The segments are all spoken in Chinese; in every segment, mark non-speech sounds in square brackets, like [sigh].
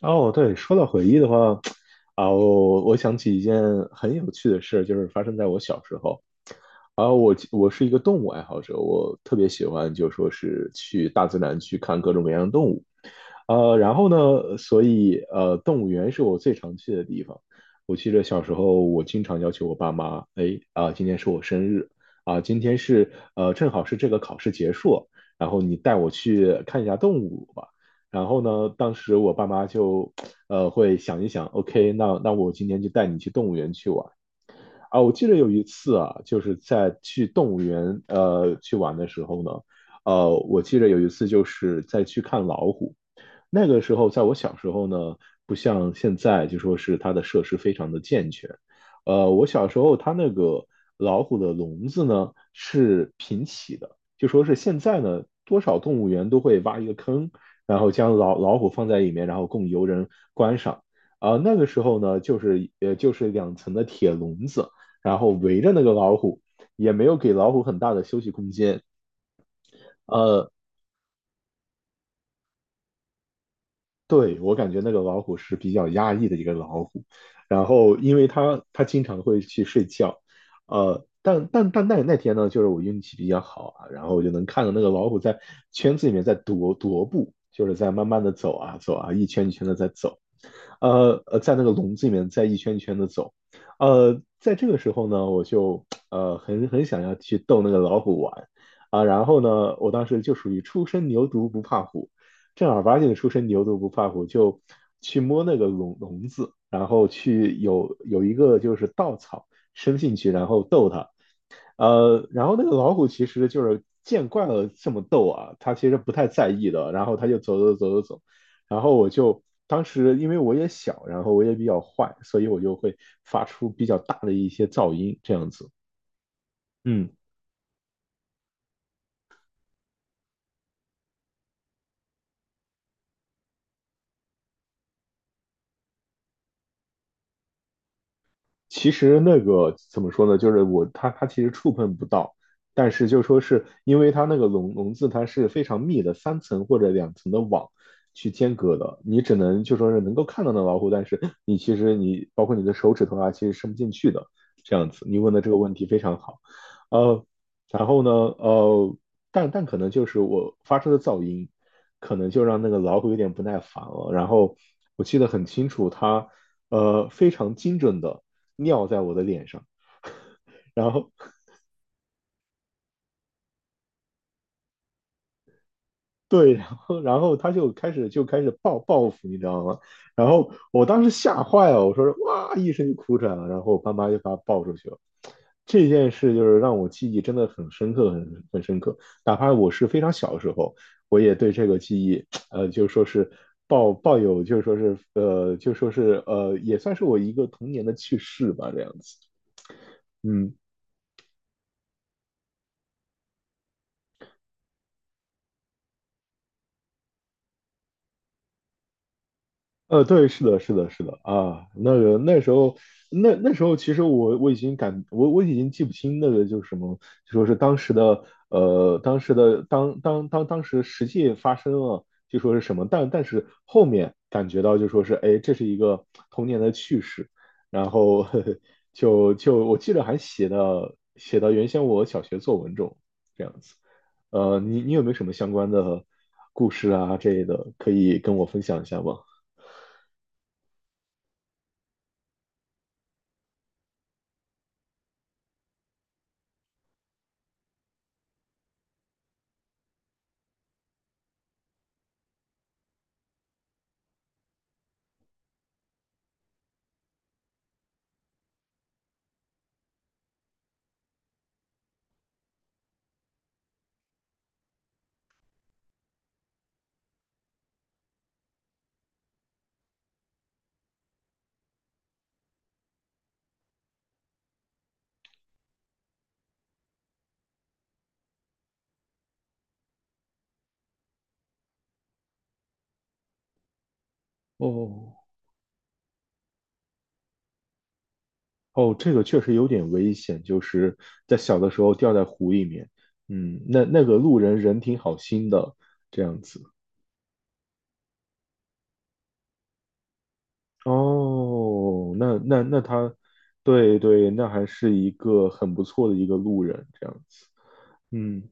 哦，对，说到回忆的话，我想起一件很有趣的事，就是发生在我小时候。我是一个动物爱好者，我特别喜欢就说是去大自然去看各种各样的动物。然后呢，所以动物园是我最常去的地方。我记得小时候，我经常要求我爸妈，哎，啊、今天是我生日，啊、今天是正好是这个考试结束，然后你带我去看一下动物吧。然后呢，当时我爸妈就会想一想，OK,那我今天就带你去动物园去玩。啊，我记得有一次啊，就是在去动物园去玩的时候呢，我记得有一次就是在去看老虎。那个时候，在我小时候呢，不像现在，就说是它的设施非常的健全。我小时候它那个老虎的笼子呢是平起的，就说是现在呢，多少动物园都会挖一个坑，然后将老虎放在里面，然后供游人观赏。啊、那个时候呢，就是就是两层的铁笼子，然后围着那个老虎，也没有给老虎很大的休息空间。呃，对，我感觉那个老虎是比较压抑的一个老虎，然后因为它经常会去睡觉，呃，但那天呢，就是我运气比较好啊，然后我就能看到那个老虎在圈子里面在踱步，就是在慢慢的走啊走啊，一圈一圈的在走，在那个笼子里面在一圈一圈的走，在这个时候呢，我就很想要去逗那个老虎玩啊，然后呢，我当时就属于初生牛犊不怕虎。正儿八经的出身牛犊不怕虎，就去摸那个笼子，然后去有一个就是稻草伸进去，然后逗它。然后那个老虎其实就是见惯了这么逗啊，它其实不太在意的。然后它就走，然后我就当时因为我也小，然后我也比较坏，所以我就会发出比较大的一些噪音这样子。嗯，其实那个怎么说呢？就是我它其实触碰不到，但是就说是因为它那个笼子它是非常密的，三层或者两层的网去间隔的，你只能就说是能够看到那老虎，但是你其实你包括你的手指头啊，其实伸不进去的这样子。你问的这个问题非常好，呃，然后呢，呃，但可能就是我发出的噪音，可能就让那个老虎有点不耐烦了。然后我记得很清楚，它非常精准的。尿在我的脸上，然后 [laughs] 对，然后他就开始报复，你知道吗？然后我当时吓坏了，我说哇一声就哭出来了，然后我爸妈就把他抱出去了。这件事就是让我记忆真的很深刻，很深刻。哪怕我是非常小的时候，我也对这个记忆，呃，就说是抱有，就说是呃，就说是也算是我一个童年的趣事吧，这样子。嗯，呃，对，是的，是的，是的啊，那个那时候，那时候其实我已经感我已经记不清那个就是什么，就说是当时的当时的当时实际发生了就说是什么，但是后面感觉到就说是哎，这是一个童年的趣事，然后 [laughs] 就我记得还写到原先我小学作文中这样子，呃，你有没有什么相关的故事啊这类的可以跟我分享一下吗？哦哦，这个确实有点危险，就是在小的时候掉在湖里面，嗯，那个路人人挺好心的，这样子。哦，那他，对对，那还是一个很不错的一个路人，这样子。嗯，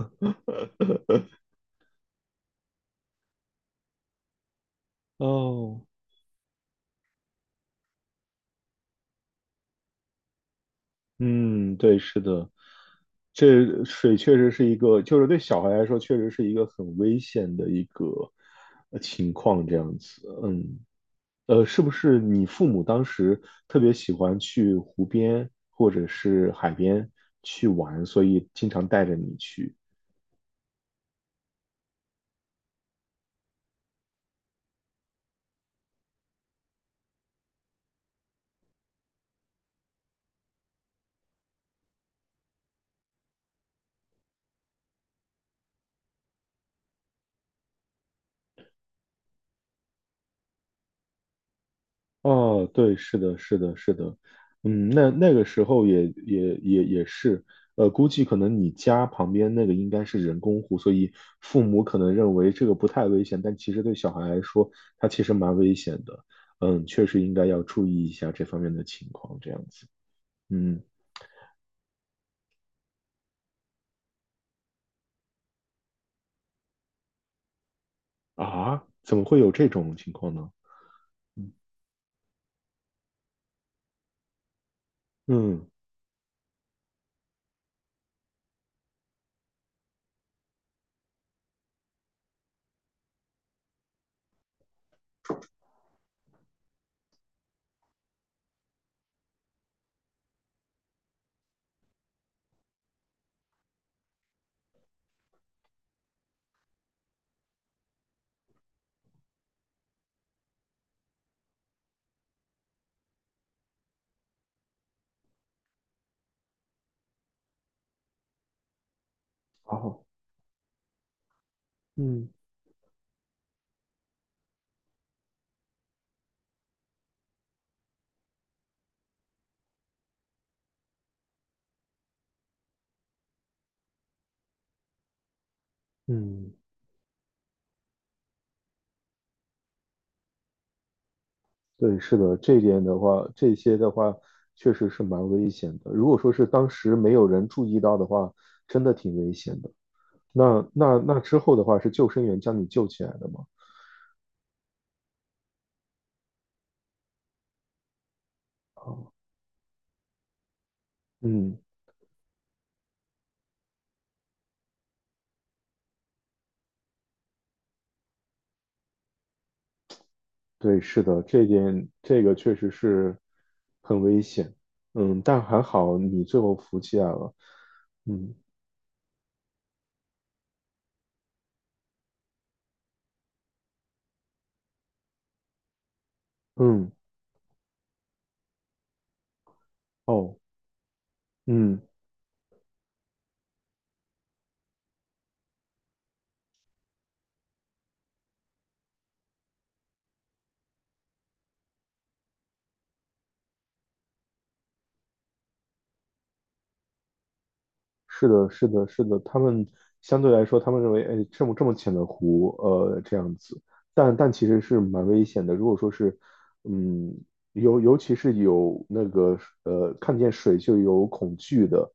[laughs] 哦，嗯，对，是的，这水确实是一个，就是对小孩来说，确实是一个很危险的一个情况，这样子。嗯。呃，是不是你父母当时特别喜欢去湖边或者是海边去玩，所以经常带着你去？哦，对，是的，是的，是的，嗯，那个时候也是，呃，估计可能你家旁边那个应该是人工湖，所以父母可能认为这个不太危险，但其实对小孩来说，它其实蛮危险的。嗯，确实应该要注意一下这方面的情况，这样子。嗯，啊，怎么会有这种情况呢？嗯。哦，嗯嗯，对，是的，这一点的话，这些的话确实是蛮危险的。如果说是当时没有人注意到的话，真的挺危险的。那之后的话，是救生员将你救起来的吗？哦，嗯，对，是的，这一点这个确实是很危险。嗯，但还好你最后服起来了。嗯嗯，哦，嗯。是的，是的，是的，他们相对来说，他们认为，哎，这么浅的湖，呃，这样子，但其实是蛮危险的。如果说是，嗯，尤其是有那个，呃，看见水就有恐惧的，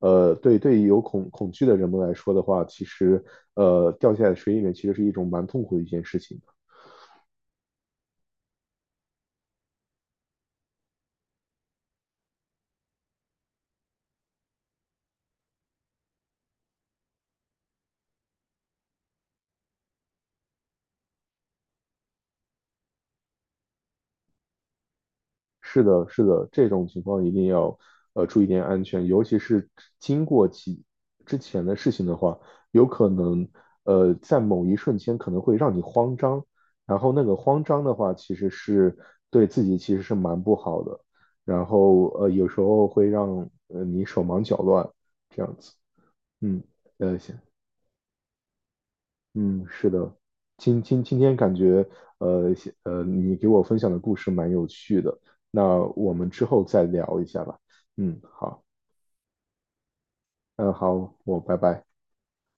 呃，对对，有恐惧的人们来说的话，其实，呃，掉下水里面其实是一种蛮痛苦的一件事情。是的，是的，这种情况一定要注意点安全，尤其是经过几之前的事情的话，有可能在某一瞬间可能会让你慌张，然后那个慌张的话，其实是对自己其实是蛮不好的，然后有时候会让你手忙脚乱这样子，嗯，呃行。嗯，是的，今天感觉，呃你给我分享的故事蛮有趣的，那我们之后再聊一下吧。嗯，好，嗯，好，我拜拜。